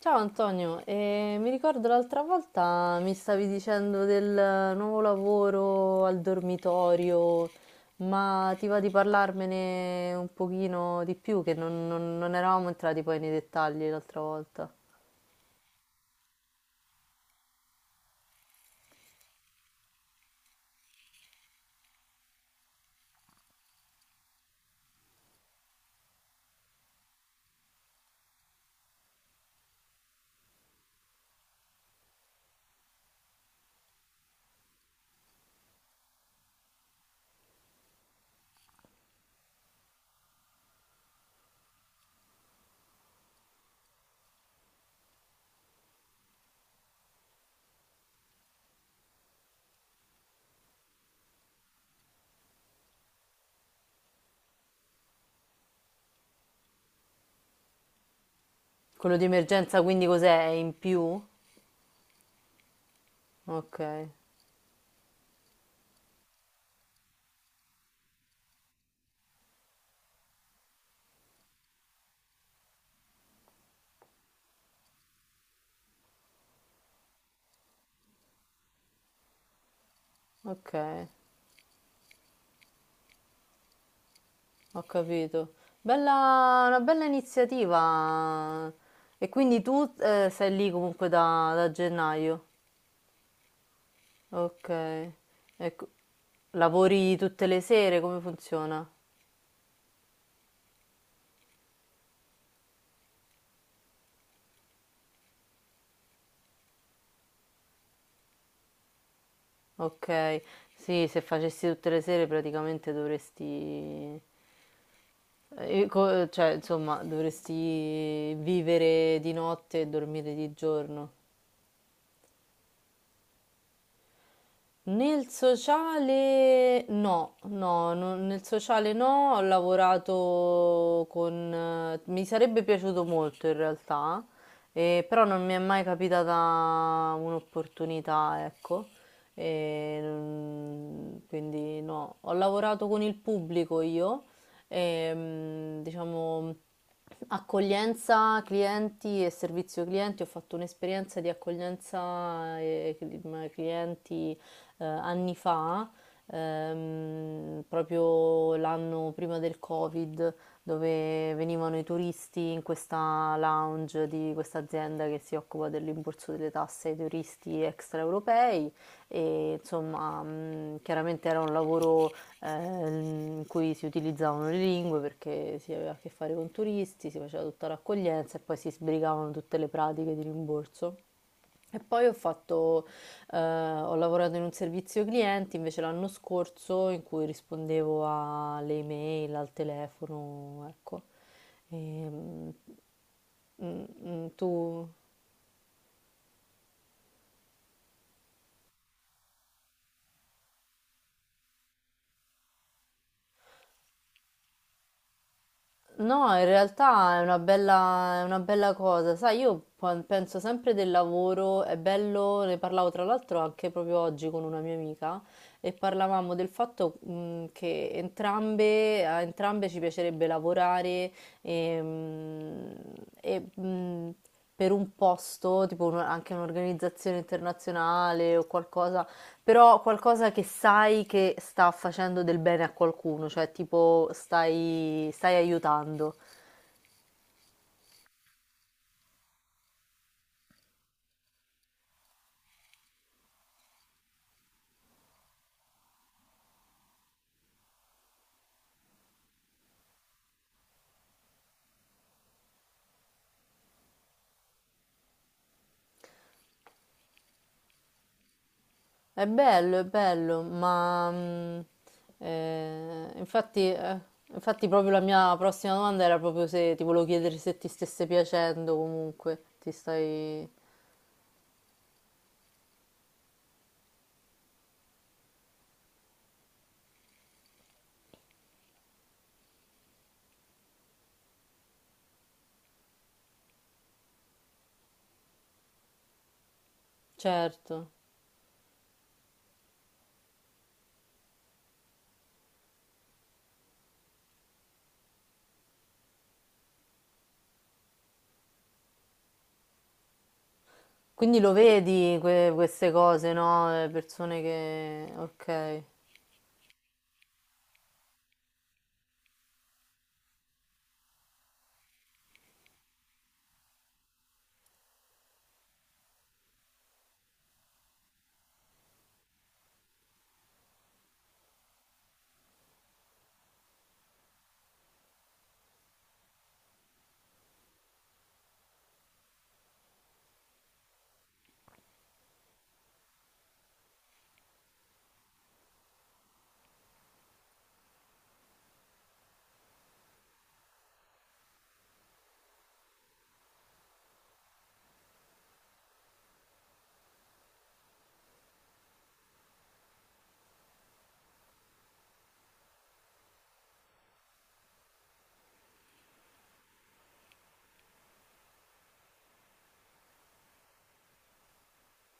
Ciao Antonio, mi ricordo l'altra volta mi stavi dicendo del nuovo lavoro al dormitorio, ma ti va di parlarmene un pochino di più, che non eravamo entrati poi nei dettagli l'altra volta. Quello di emergenza quindi cos'è? È in più? Ok, ok, ho capito. Bella, una bella iniziativa. E quindi tu sei lì comunque da gennaio. Okay. Ecco. Lavori tutte le sere? Come funziona? Okay. Sì, se facessi tutte le sere praticamente dovresti co cioè insomma dovresti vivere di notte e dormire di giorno. Nel sociale no, nel sociale no, ho lavorato con... mi sarebbe piaciuto molto in realtà, però non mi è mai capitata un'opportunità, ecco. Quindi no, ho lavorato con il pubblico io, diciamo accoglienza clienti e servizio clienti, ho fatto un'esperienza di accoglienza clienti anni fa, proprio l'anno prima del Covid, dove venivano i turisti in questa lounge di questa azienda che si occupa del rimborso delle tasse ai turisti extraeuropei e insomma, chiaramente era un lavoro in cui si utilizzavano le lingue perché si aveva a che fare con turisti, si faceva tutta l'accoglienza e poi si sbrigavano tutte le pratiche di rimborso. E poi ho lavorato in un servizio clienti invece l'anno scorso in cui rispondevo alle email, al telefono, ecco. Ehm, mm, tu... No, in realtà è è una bella cosa. Sai, io penso sempre del lavoro, è bello, ne parlavo tra l'altro anche proprio oggi con una mia amica e parlavamo del fatto, che entrambe, a entrambe ci piacerebbe lavorare e, mh, e, mh, per un posto, tipo anche un'organizzazione internazionale o qualcosa, però qualcosa che sai che sta facendo del bene a qualcuno, cioè tipo stai aiutando. È bello, ma infatti, infatti proprio la mia prossima domanda era proprio se ti volevo chiedere se ti stesse piacendo comunque, ti stai... Certo. Quindi lo vedi queste cose, no? Persone che, ok,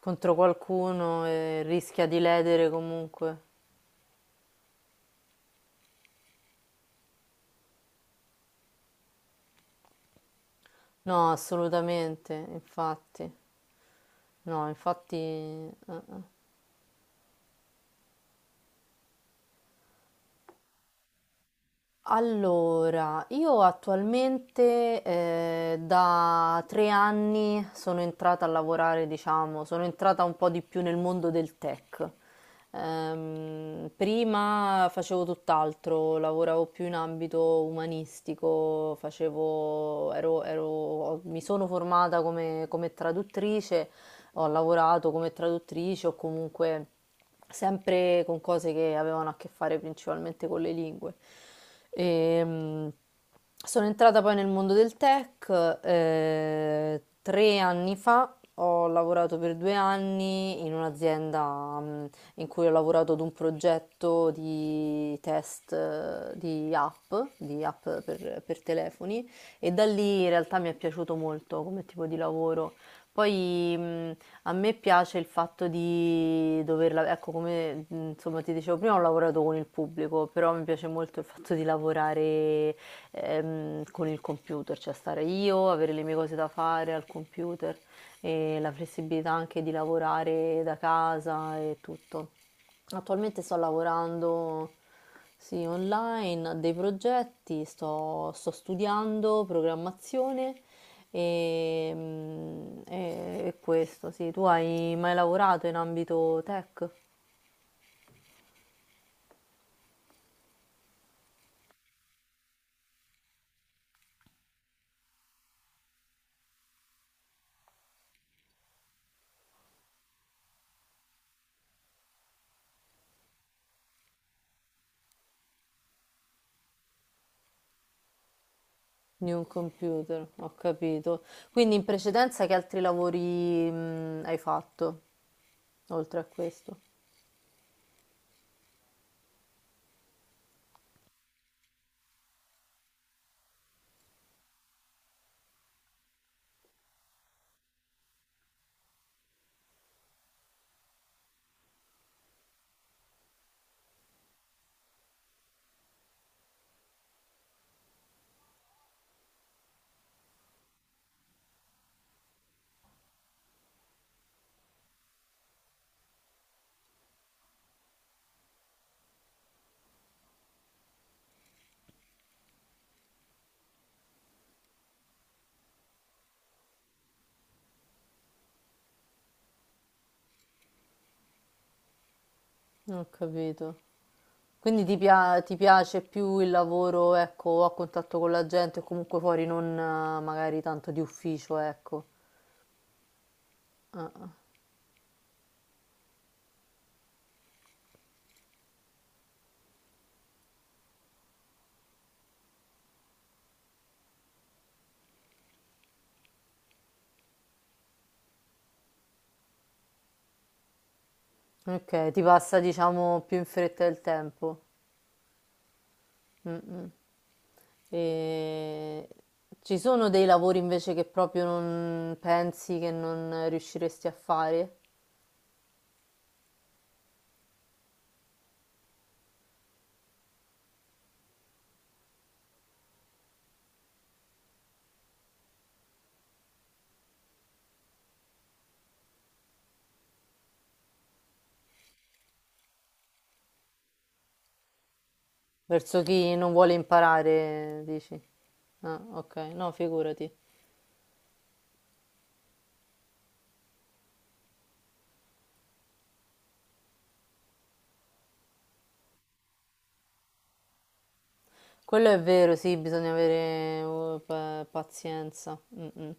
contro qualcuno e rischia di ledere comunque. No, assolutamente, infatti. No, infatti... Allora, io attualmente da 3 anni sono entrata a lavorare, diciamo, sono entrata un po' di più nel mondo del tech. Prima facevo tutt'altro, lavoravo più in ambito umanistico, mi sono formata come traduttrice, ho lavorato come traduttrice o comunque sempre con cose che avevano a che fare principalmente con le lingue. Ehm, Sono entrata poi nel mondo del tech, 3 anni fa ho lavorato per 2 anni in un'azienda in cui ho lavorato ad un progetto di test di app per telefoni, e da lì in realtà mi è piaciuto molto come tipo di lavoro. Poi a me piace il fatto di doverla, ecco come insomma ti dicevo prima, ho lavorato con il pubblico, però mi piace molto il fatto di lavorare con il computer, cioè stare io, avere le mie cose da fare al computer e la flessibilità anche di lavorare da casa e tutto. Attualmente sto lavorando, sì, online a dei progetti, sto studiando programmazione e questo, sì. Tu hai mai lavorato in ambito tech? Di un computer, ho capito. Quindi in precedenza che altri lavori, hai fatto, oltre a questo? Ho capito. Quindi ti piace più il lavoro, ecco, a contatto con la gente o comunque fuori, non magari tanto di ufficio, ecco. Ah, ah. Ok, ti passa diciamo più in fretta il tempo. Mm, mm. E... Ci sono dei lavori invece che proprio non pensi che non riusciresti a fare? Verso chi non vuole imparare, dici? Ah, ok, no, figurati. Quello è vero, sì, bisogna avere pazienza. Mm, mm.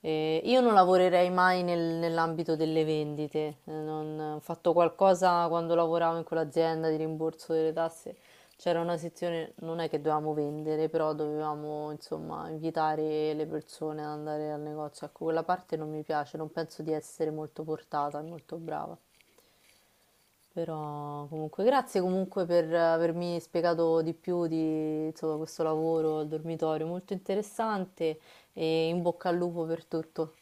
Io non lavorerei mai nell'ambito delle vendite. Ho fatto qualcosa quando lavoravo in quell'azienda di rimborso delle tasse. C'era una sezione, non è che dovevamo vendere, però dovevamo insomma invitare le persone ad andare al negozio. Ecco, quella parte non mi piace, non penso di essere molto portata, molto brava. Però comunque grazie comunque per avermi spiegato di più di insomma, questo lavoro al dormitorio, molto interessante, e in bocca al lupo per tutto.